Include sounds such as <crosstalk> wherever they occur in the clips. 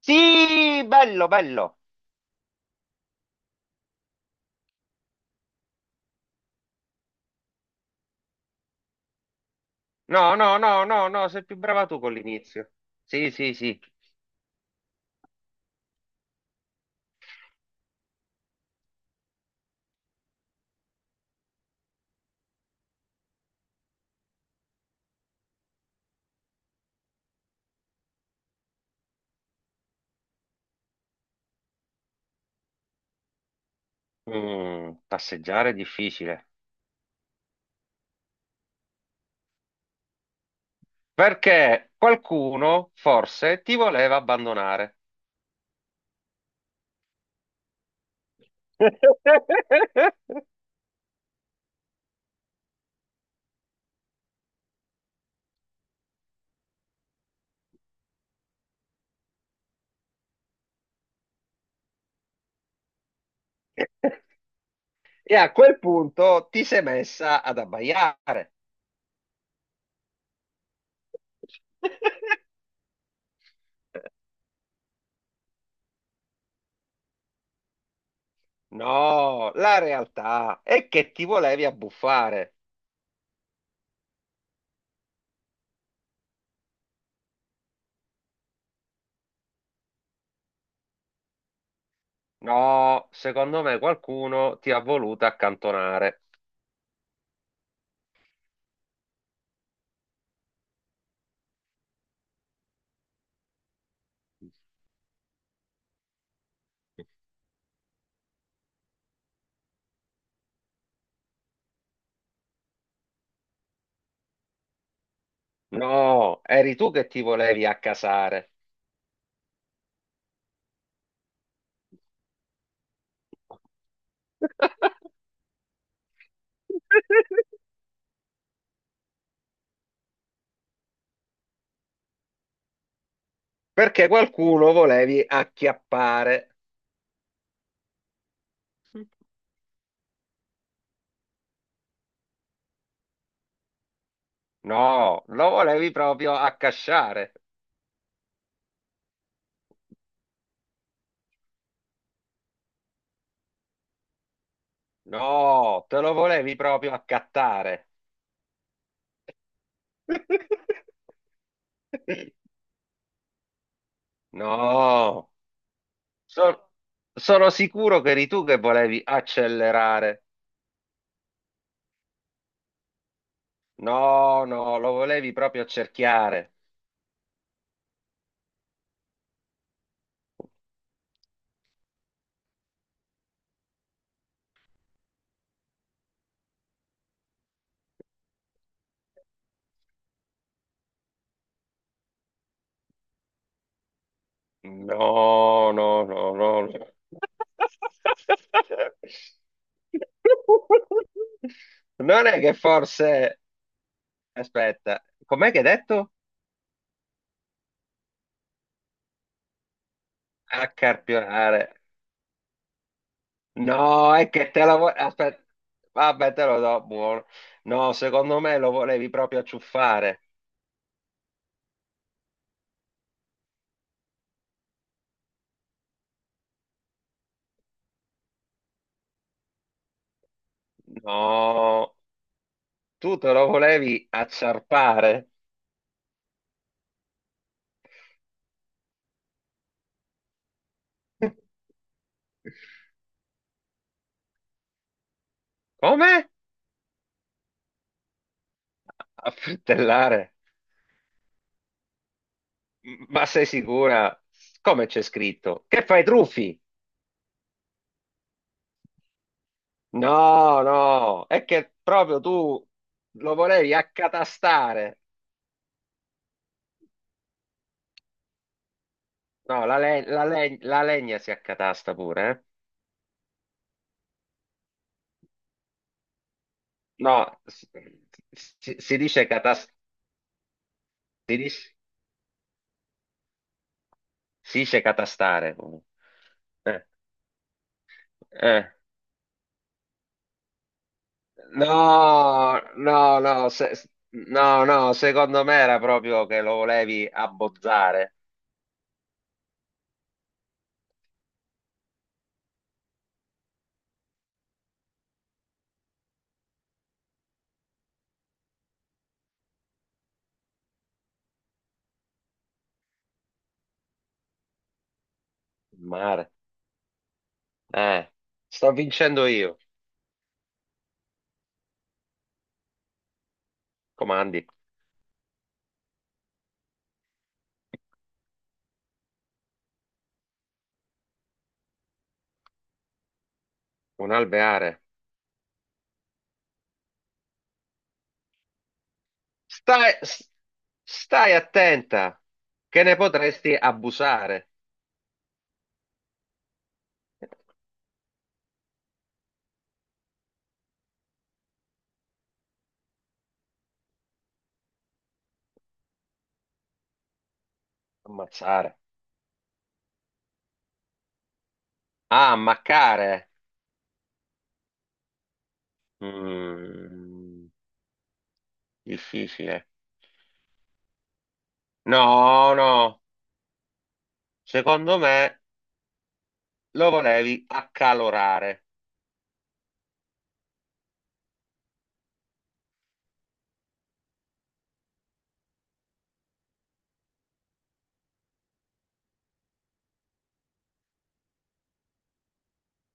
Sì, bello, bello. No, no, no, no, no, sei più brava tu con l'inizio. Sì, sì, sì. Mm, passeggiare è difficile. Perché qualcuno forse ti voleva abbandonare. <laughs> E a quel punto ti sei messa ad abbaiare. No, la realtà è che ti volevi abbuffare. No, secondo me qualcuno ti ha voluto accantonare. No, eri tu che ti volevi accasare. <laughs> Perché qualcuno volevi acchiappare. No, lo volevi proprio accasciare. No, te lo volevi proprio accattare. <laughs> No, so- sono sicuro che eri tu che volevi accelerare. No, no, lo volevi proprio accerchiare. No, no, no, no, no. Non è che forse... Aspetta, com'è che hai detto? Accarpionare. No, è che te la vuoi... Aspetta, vabbè, te lo do, buono. No, secondo me lo volevi proprio acciuffare. No, tu te lo volevi acciarpare. <laughs> Come? Affrittellare. Ma sei sicura? Come c'è scritto? Che fai truffi? No, no, è che proprio tu lo volevi accatastare. No, la, la legna si accatasta pure, eh? No, si, si dice si dice, si dice catastare. Eh, eh. No, no, no, no, no, secondo me era proprio che lo volevi abbozzare. Il mare. Eh, sto vincendo io. Comandi. Un alveare. Stai, s- Stai attenta, che ne potresti abusare. Ammazzare. Ah, ammaccare. Mm, difficile. No, no. Secondo me lo volevi accalorare,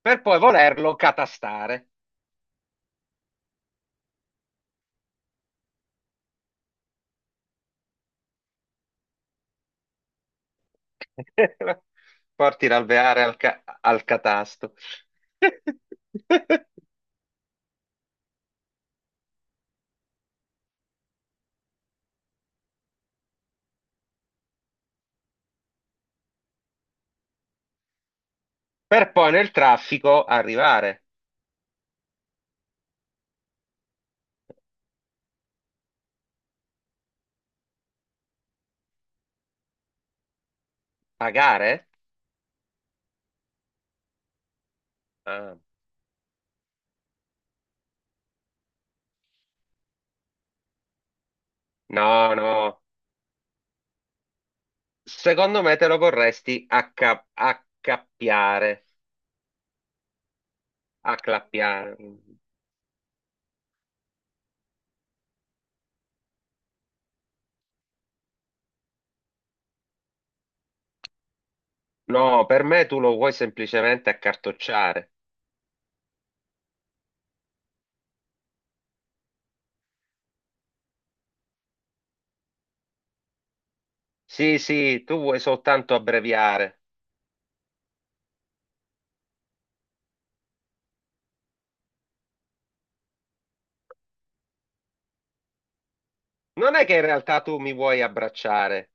per poi volerlo catastare. <laughs> Porti l'alveare al, al catasto. <laughs> Per poi nel traffico arrivare. Pagare? Ah. No, no. Secondo me te lo vorresti accappiare, acclappiare. No, per me tu lo vuoi semplicemente accartocciare. Sì, sì, tu vuoi soltanto abbreviare. Non è che in realtà tu mi vuoi abbracciare.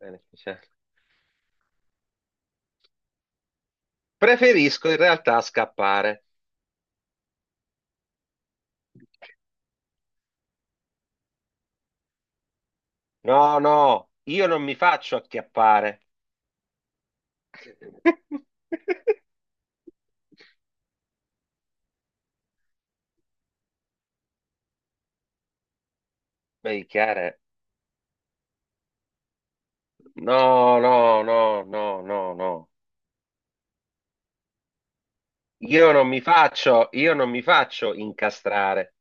Bene, cioè, preferisco in realtà scappare. No, no, io non mi faccio acchiappare. <laughs> Beh, chiaro. No, no, no, no, no, no. Io non mi faccio incastrare.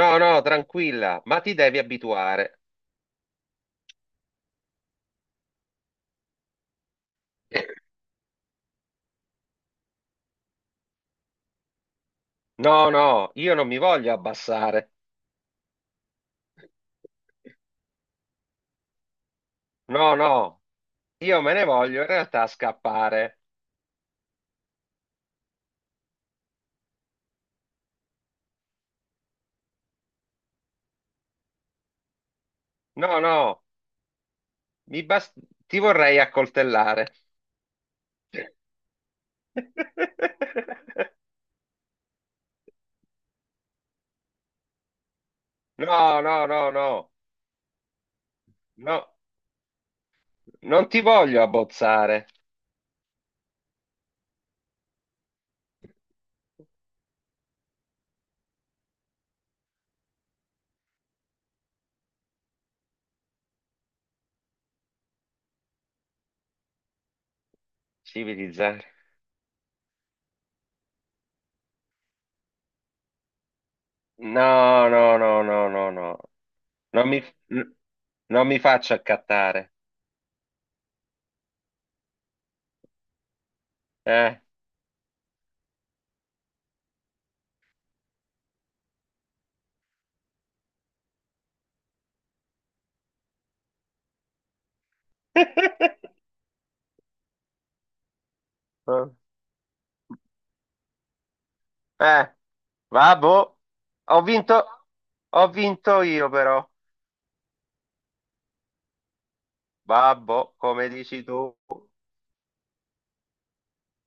No, no, tranquilla, ma ti devi abituare. No, no, io non mi voglio abbassare. No, no, io me ne voglio in realtà scappare. No, no, mi bas- ti vorrei accoltellare. <laughs> No, no, no, no, no, non ti voglio abbozzare. Civilizzare. No, no, no, no, no, no. Non mi... Non mi faccio accattare. Eh. <laughs> Eh, babbo, ho vinto, ho vinto io però. Babbo, come dici tu?